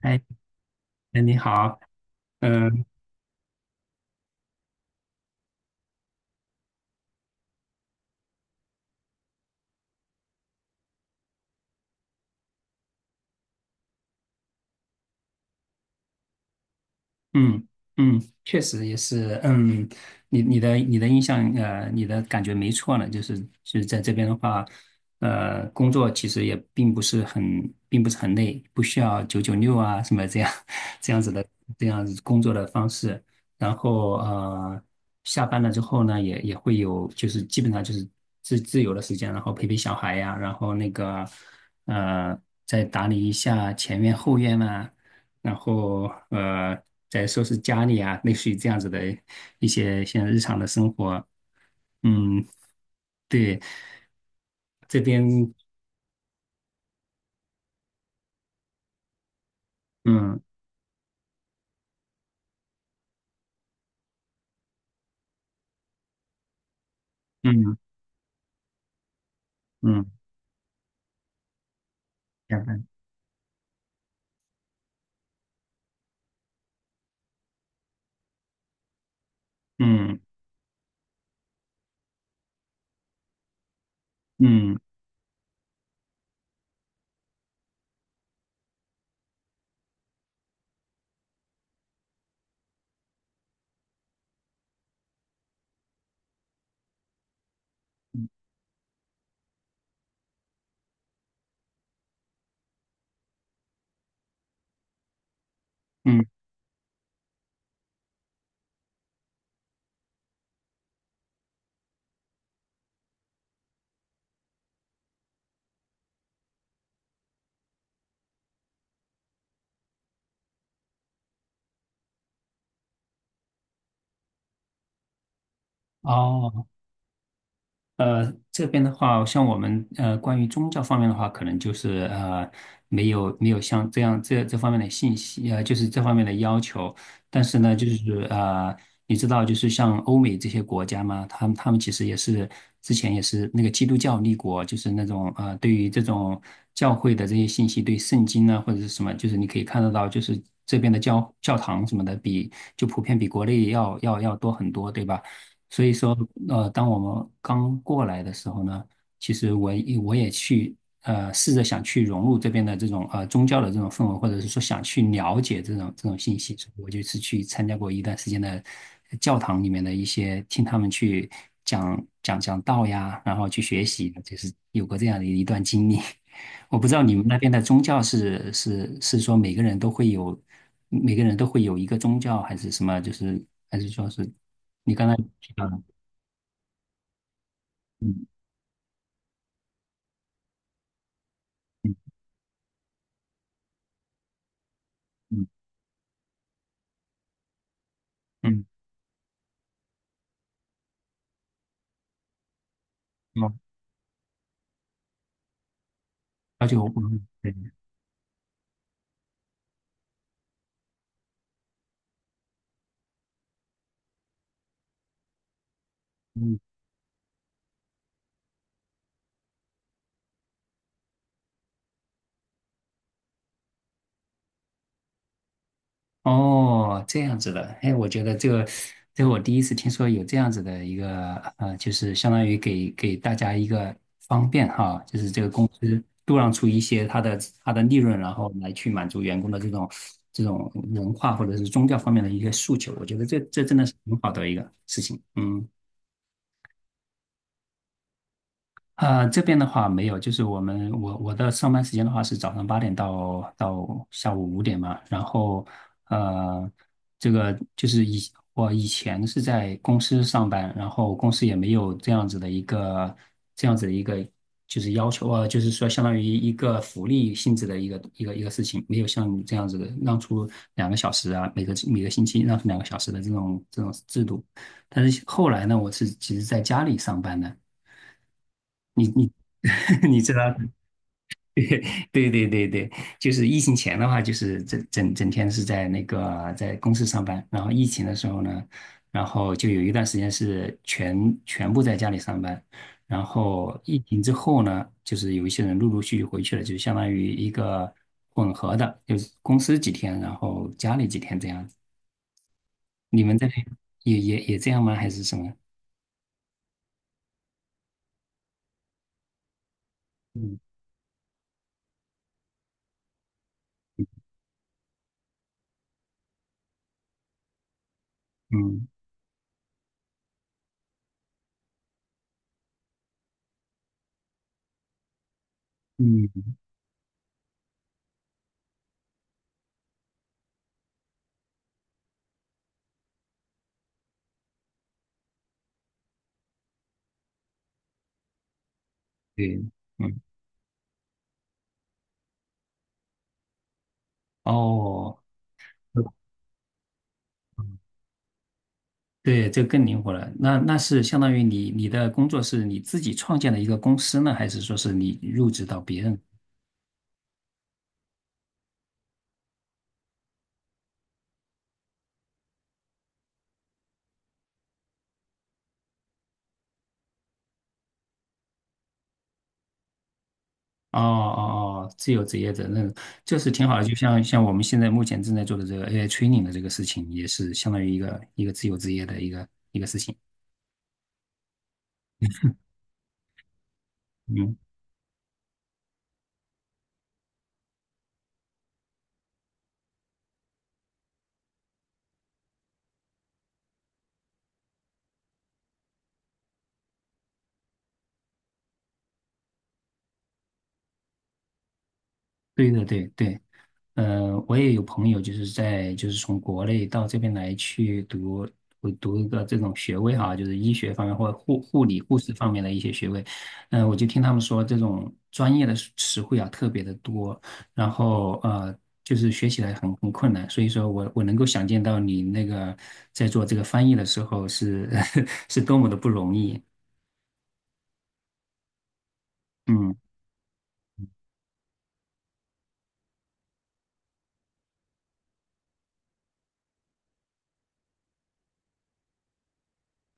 哎，哎，你好。嗯嗯嗯，确实也是，嗯，你的印象，你的感觉没错呢，就是在这边的话，工作其实也并不是很并不是很累，不需要九九六啊什么这样 这样子的这样子工作的方式，然后下班了之后呢，也会有就是基本上就是自由的时间，然后陪陪小孩呀，然后那个呃，再打理一下前院后院啊。然后呃，再收拾家里啊，类似于这样子的一些像日常的生活。嗯，对，这边嗯嗯嗯，加班，嗯嗯嗯，哦。这边的话，像我们关于宗教方面的话，可能就是没有没有像这样这方面的信息，就是这方面的要求。但是呢，就是你知道，就是像欧美这些国家嘛，他们其实也是之前也是那个基督教立国，就是那种对于这种教会的这些信息，对圣经呢或者是什么，就是你可以看得到，就是这边的教教堂什么的比就普遍比国内要多很多，对吧？所以说，当我们刚过来的时候呢，其实我也去试着想去融入这边的这种宗教的这种氛围，或者是说想去了解这种这种信息，所以我就是去参加过一段时间的教堂里面的一些听他们去讲道呀，然后去学习，就是有过这样的一段经历。我不知道你们那边的宗教是说每个人都会有每个人都会有一个宗教，还是什么？就是还是说是。嗯嗯嗯嗯，哦，而且我嗯对，嗯哦，这样子的，哎，我觉得这个，这个我第一次听说有这样子的一个，就是相当于给给大家一个方便哈，就是这个公司度让出一些它的它的利润，然后来去满足员工的这种这种文化或者是宗教方面的一些诉求，我觉得这这真的是很好的一个事情，嗯。这边的话没有，就是我们我的上班时间的话是早上八点到到下午五点嘛，然后呃，这个就是以我以前是在公司上班，然后公司也没有这样子的一个这样子的一个就是要求啊，就是说相当于一个福利性质的一个事情，没有像你这样子的让出两个小时啊，每个每个星期让出两个小时的这种这种制度，但是后来呢，我是其实在家里上班的。你 你知道，对对，就是疫情前的话，就是整整天是在那个在公司上班，然后疫情的时候呢，然后就有一段时间是全部在家里上班，然后疫情之后呢，就是有一些人陆陆续续回去了，就相当于一个混合的，就是公司几天，然后家里几天这样子。你们这边也这样吗？还是什么？嗯嗯嗯，对，嗯哦。对，这个更灵活了。那那是相当于你的工作是你自己创建的一个公司呢，还是说是你入职到别人？哦哦哦，自由职业者，那这是挺好的。就像像我们现在目前正在做的这个 AI training 的这个事情，也是相当于一个自由职业的一个，嗯，对对对对。我也有朋友就是在就是从国内到这边来去读我读一个这种学位哈，就是医学方面或者护护理护士方面的一些学位。嗯、我就听他们说这种专业的词汇啊特别的多，然后就是学起来很很困难。所以说我能够想见到你那个在做这个翻译的时候是 是多么的不容易。嗯。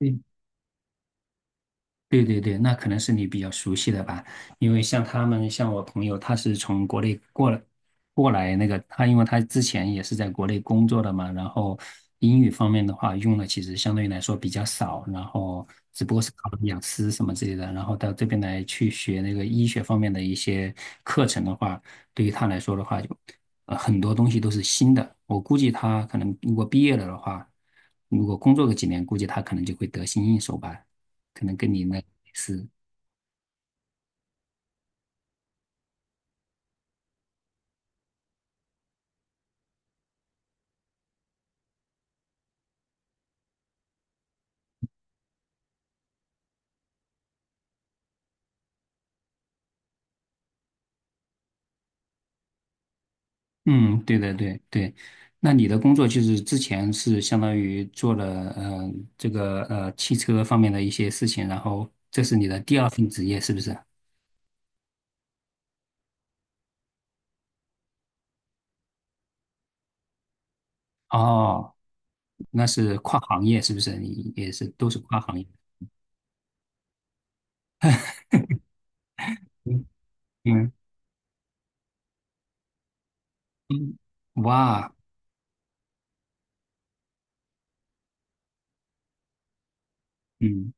对。对对对，那可能是你比较熟悉的吧，因为像他们，像我朋友，他是从国内过来那个，他因为他之前也是在国内工作的嘛，然后英语方面的话用的其实相对来说比较少，然后只不过是考了雅思什么之类的，然后到这边来去学那个医学方面的一些课程的话，对于他来说的话，就很多东西都是新的，我估计他可能如果毕业了的话，如果工作个几年，估计他可能就会得心应手吧。可能跟你那类似，嗯，对的，对对。那你的工作就是之前是相当于做了这个汽车方面的一些事情，然后这是你的第二份职业，是不是？哦，那是跨行业，是不是？你也是都是跨行业。嗯嗯嗯，哇，嗯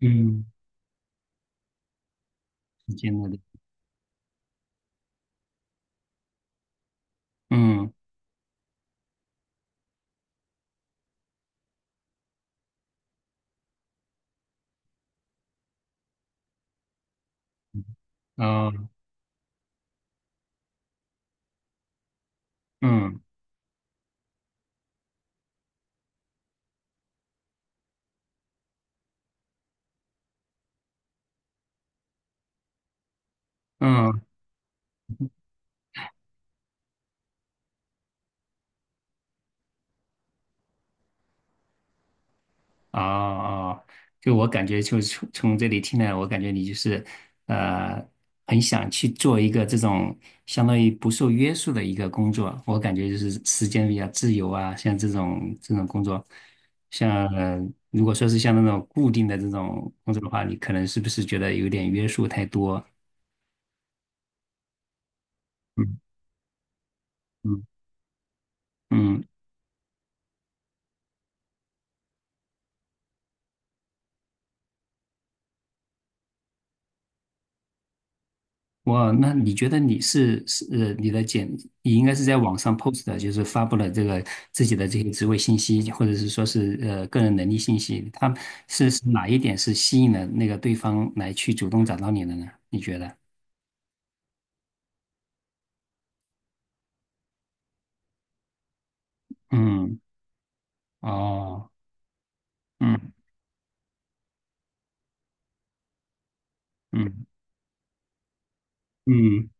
嗯，时间的，嗯哦嗯嗯。哦哦，就我感觉，就是从从这里听来，我感觉你就是，呃，很想去做一个这种相当于不受约束的一个工作。我感觉就是时间比较自由啊，像这种这种工作，像如果说是像那种固定的这种工作的话，你可能是不是觉得有点约束太多？嗯嗯。哇，那你觉得你是你的简，你应该是在网上 post 的，就是发布了这个自己的这些职位信息，或者是说是个人能力信息，他是哪一点是吸引了那个对方来去主动找到你的呢？你觉得？嗯，哦，嗯嗯嗯。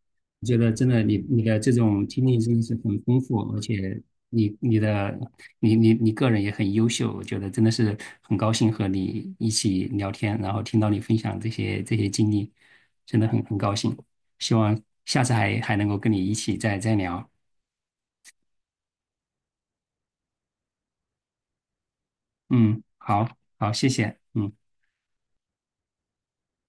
我觉得真的你的这种经历真的是很丰富，而且你你的你个人也很优秀，我觉得真的是很高兴和你一起聊天，然后听到你分享这些这些经历，真的很高兴。希望下次还能够跟你一起再聊。嗯，好好，谢谢。嗯。